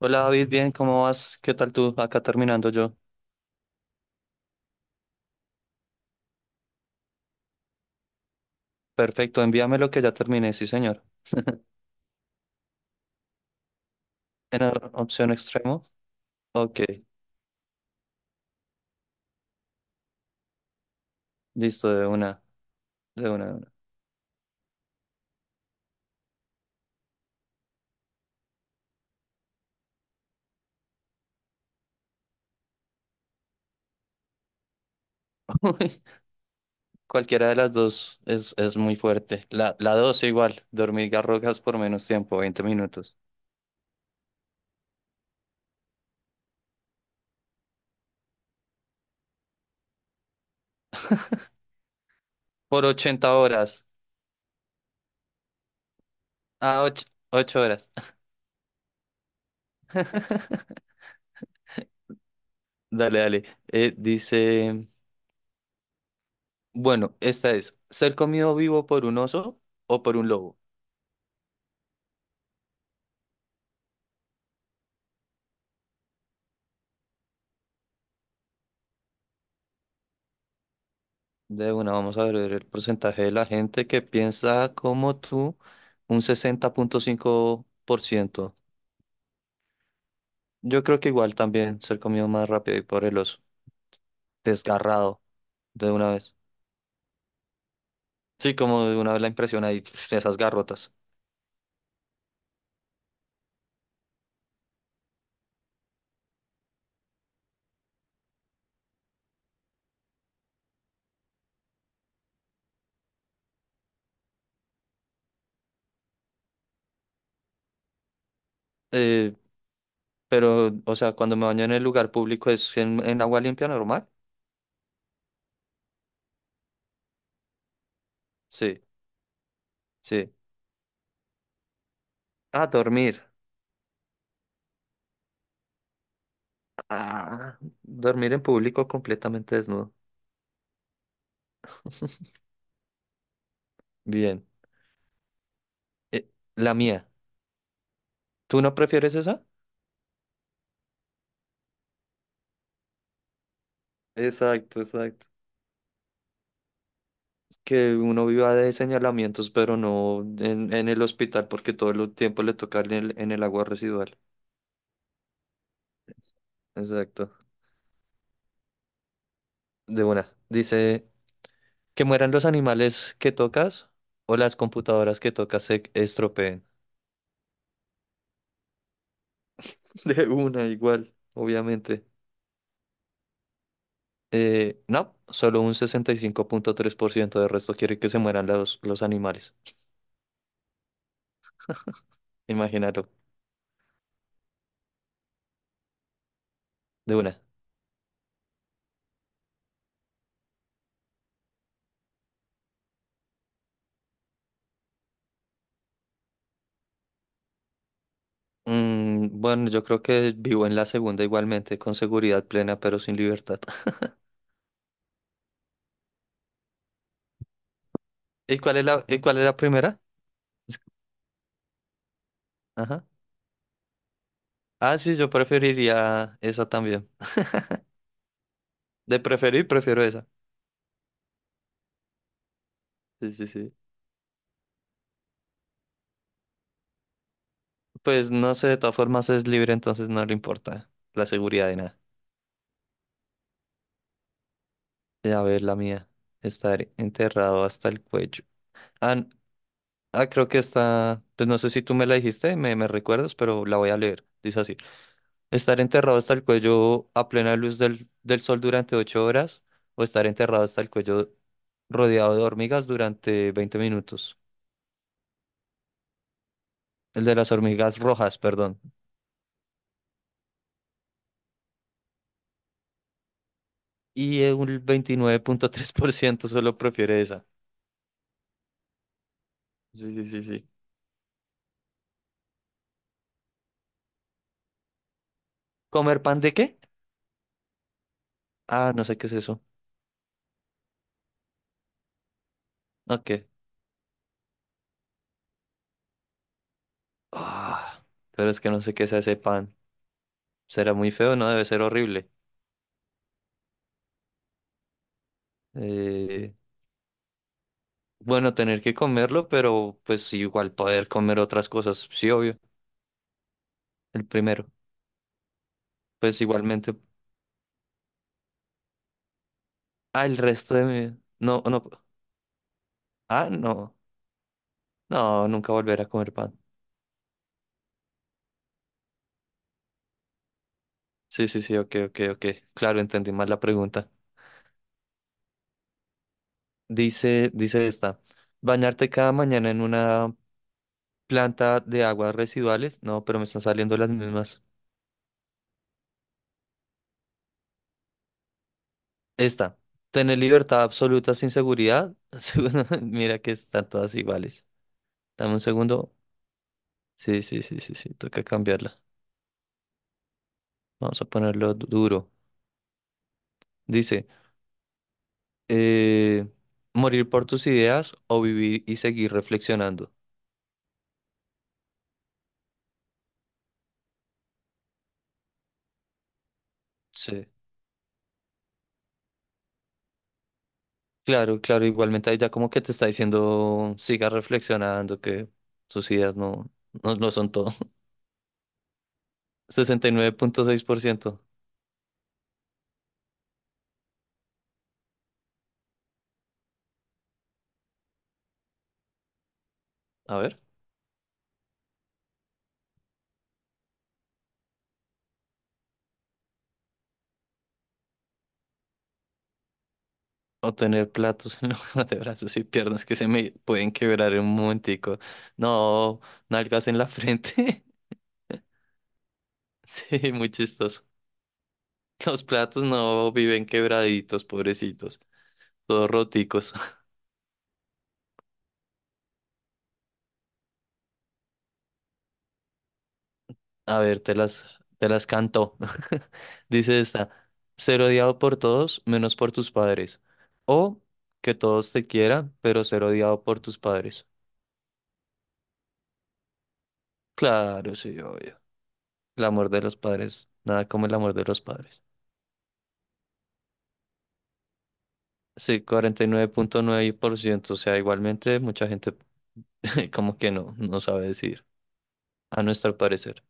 Hola David, bien, ¿cómo vas? ¿Qué tal tú? Acá terminando yo. Perfecto, envíame lo que ya terminé, sí señor. ¿En la opción extremo? Ok, listo, de una, de una, de una. Cualquiera de las dos es muy fuerte. La dos igual, dormir hormigas por menos tiempo, 20 minutos. Por 80 horas. Ah, ocho horas. Dale, dale. Dice, bueno, esta es, ¿ser comido vivo por un oso o por un lobo? De una, vamos a ver el porcentaje de la gente que piensa como tú, un 60,5%. Yo creo que igual también ser comido más rápido y por el oso. Desgarrado de una vez. Sí, como de una vez la impresión ahí, esas garrotas. Eh, pero, o sea, cuando me baño en el lugar público es en agua limpia normal. Sí, sí. Ah, dormir. Ah, dormir en público completamente desnudo. Bien. Eh, la mía. ¿Tú no prefieres esa? Exacto, exacto. Que uno viva de señalamientos, pero no en el hospital porque todo el tiempo le toca en el agua residual. Exacto. De una. Dice, que mueran los animales que tocas o las computadoras que tocas se estropeen. De una, igual, obviamente. No, solo un 65,3% del resto quiere que se mueran los animales. Imagínalo, de una. Bueno, yo creo que vivo en la segunda igualmente, con seguridad plena, pero sin libertad. ¿Y cuál es la primera? Es- Ajá. Ah, sí, yo preferiría esa también. De preferir, prefiero esa. Sí, sí, sí. Pues no sé, de todas formas es libre, entonces no le importa la seguridad de nada. A ver, la mía. Estar enterrado hasta el cuello. Ah, Ah, creo que está, pues no sé si tú me la dijiste, me recuerdas, pero la voy a leer. Dice así. Estar enterrado hasta el cuello a plena luz del sol durante 8 horas o estar enterrado hasta el cuello rodeado de hormigas durante 20 minutos. El de las hormigas rojas, perdón. Y un 29,3% solo prefiere esa. Sí, sí, sí, sí. ¿Comer pan de qué? Ah, no sé qué es eso. Ok. Ah, pero es que no sé qué es ese pan. Será muy feo, ¿no? Debe ser horrible. Eh, Bueno, tener que comerlo, pero pues sí, igual poder comer otras cosas. Sí, obvio. El primero. Pues igualmente. Ah, el resto de mi... No, no. Ah, no. No, nunca volver a comer pan. Sí, sí, sí, ok, ok, ok. Claro, entendí mal la pregunta. Dice, dice esta. Bañarte cada mañana en una planta de aguas residuales. No, pero me están saliendo las mismas. Esta. Tener libertad absoluta sin seguridad. Mira que están todas iguales. Dame un segundo. Sí, sí, sí, sí, sí, toca cambiarla. Vamos a ponerlo duro. Dice, eh, morir por tus ideas o vivir y seguir reflexionando. Sí, claro, claro, igualmente ahí ya como que te está diciendo, siga reflexionando, que sus ideas no, no, no son todo. 69,6%. A ver, o tener platos en lugar de brazos y piernas que se me pueden quebrar en un momentico. No, nalgas en la frente. Sí, muy chistoso. Los platos no viven quebraditos, pobrecitos, todos roticos. A ver, te las canto. Dice esta, ser odiado por todos menos por tus padres. O que todos te quieran, pero ser odiado por tus padres. Claro, sí, obvio. El amor de los padres, nada como el amor de los padres. Sí, cuarenta nueve nueve punto nueve por ciento. O sea, igualmente mucha gente como que no, no sabe decir, a nuestro parecer.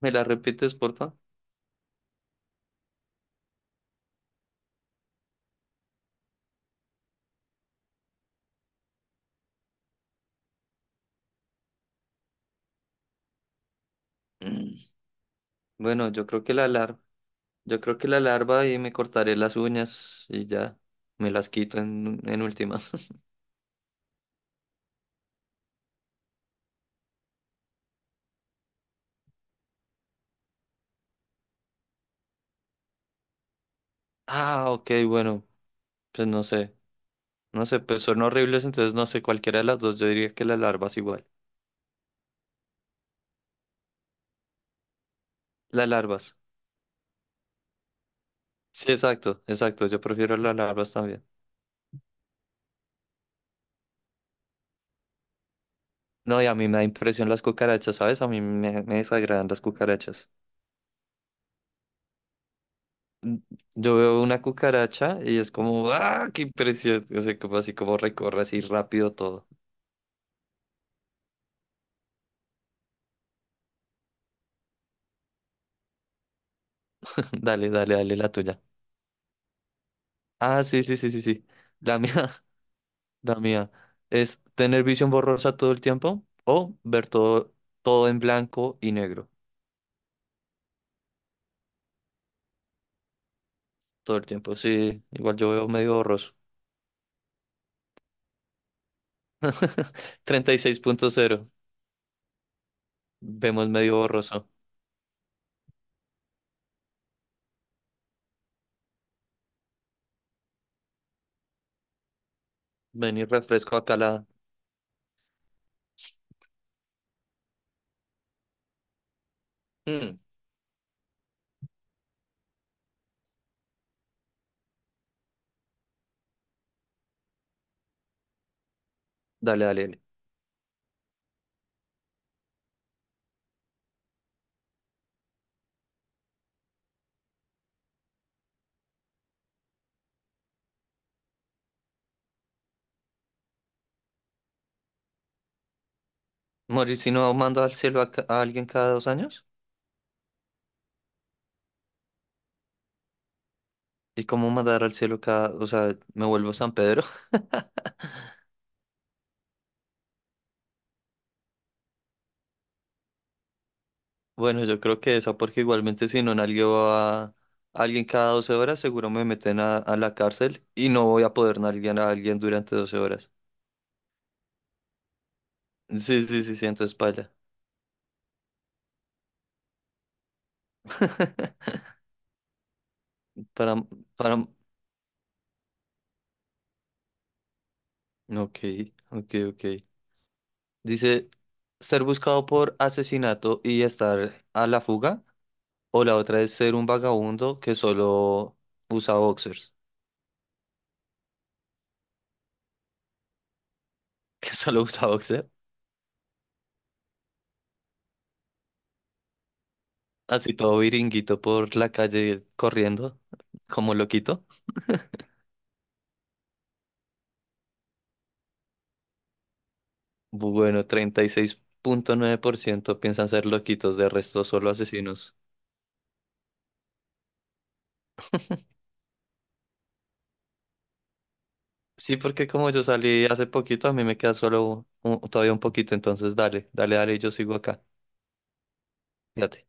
¿Me la repites, porfa? Mm. Bueno, yo creo que la larga. Yo creo que la larva y me cortaré las uñas y ya me las quito en últimas. Ah, ok, bueno, pues no sé. No sé, pues son horribles, entonces no sé, cualquiera de las dos, yo diría que las larvas igual. Las larvas. Sí, exacto, exacto, yo prefiero las larvas también. No, y a mí me da impresión las cucarachas, ¿sabes? A mí me desagradan las cucarachas. Mm, Yo veo una cucaracha y es como, ¡ah, qué impresión! O sea, como así como recorre así rápido todo. Dale, dale, dale la tuya. Ah, sí, sí, sí, sí, sí. La mía, La mía es tener visión borrosa todo el tiempo o ver todo, todo en blanco y negro todo el tiempo. Sí, igual yo veo medio borroso. 36,0 vemos medio borroso. Ven y refresco acá la... Mm, dale, dale, dale. Morir si no mando al cielo a alguien cada 2 años. ¿Y cómo mandar al cielo cada... O sea, me vuelvo San Pedro? Bueno, yo creo que esa porque igualmente si no nalgueo a... Alguien cada 12 horas seguro me meten a la cárcel y no voy a poder nalguear a alguien durante 12 horas. Sí, sí, sí, sí, entonces paila. Para, para, ok, ok, ok. Dice, ser buscado por asesinato y estar a la fuga, o la otra es ser un vagabundo que solo usa boxers, que solo usa boxer, así todo viringuito por la calle corriendo, como loquito. Bueno, 36,9% piensan ser loquitos, de resto solo asesinos. Sí, porque como yo salí hace poquito, a mí me queda solo todavía un poquito, entonces dale, dale, dale, yo sigo acá. Fíjate.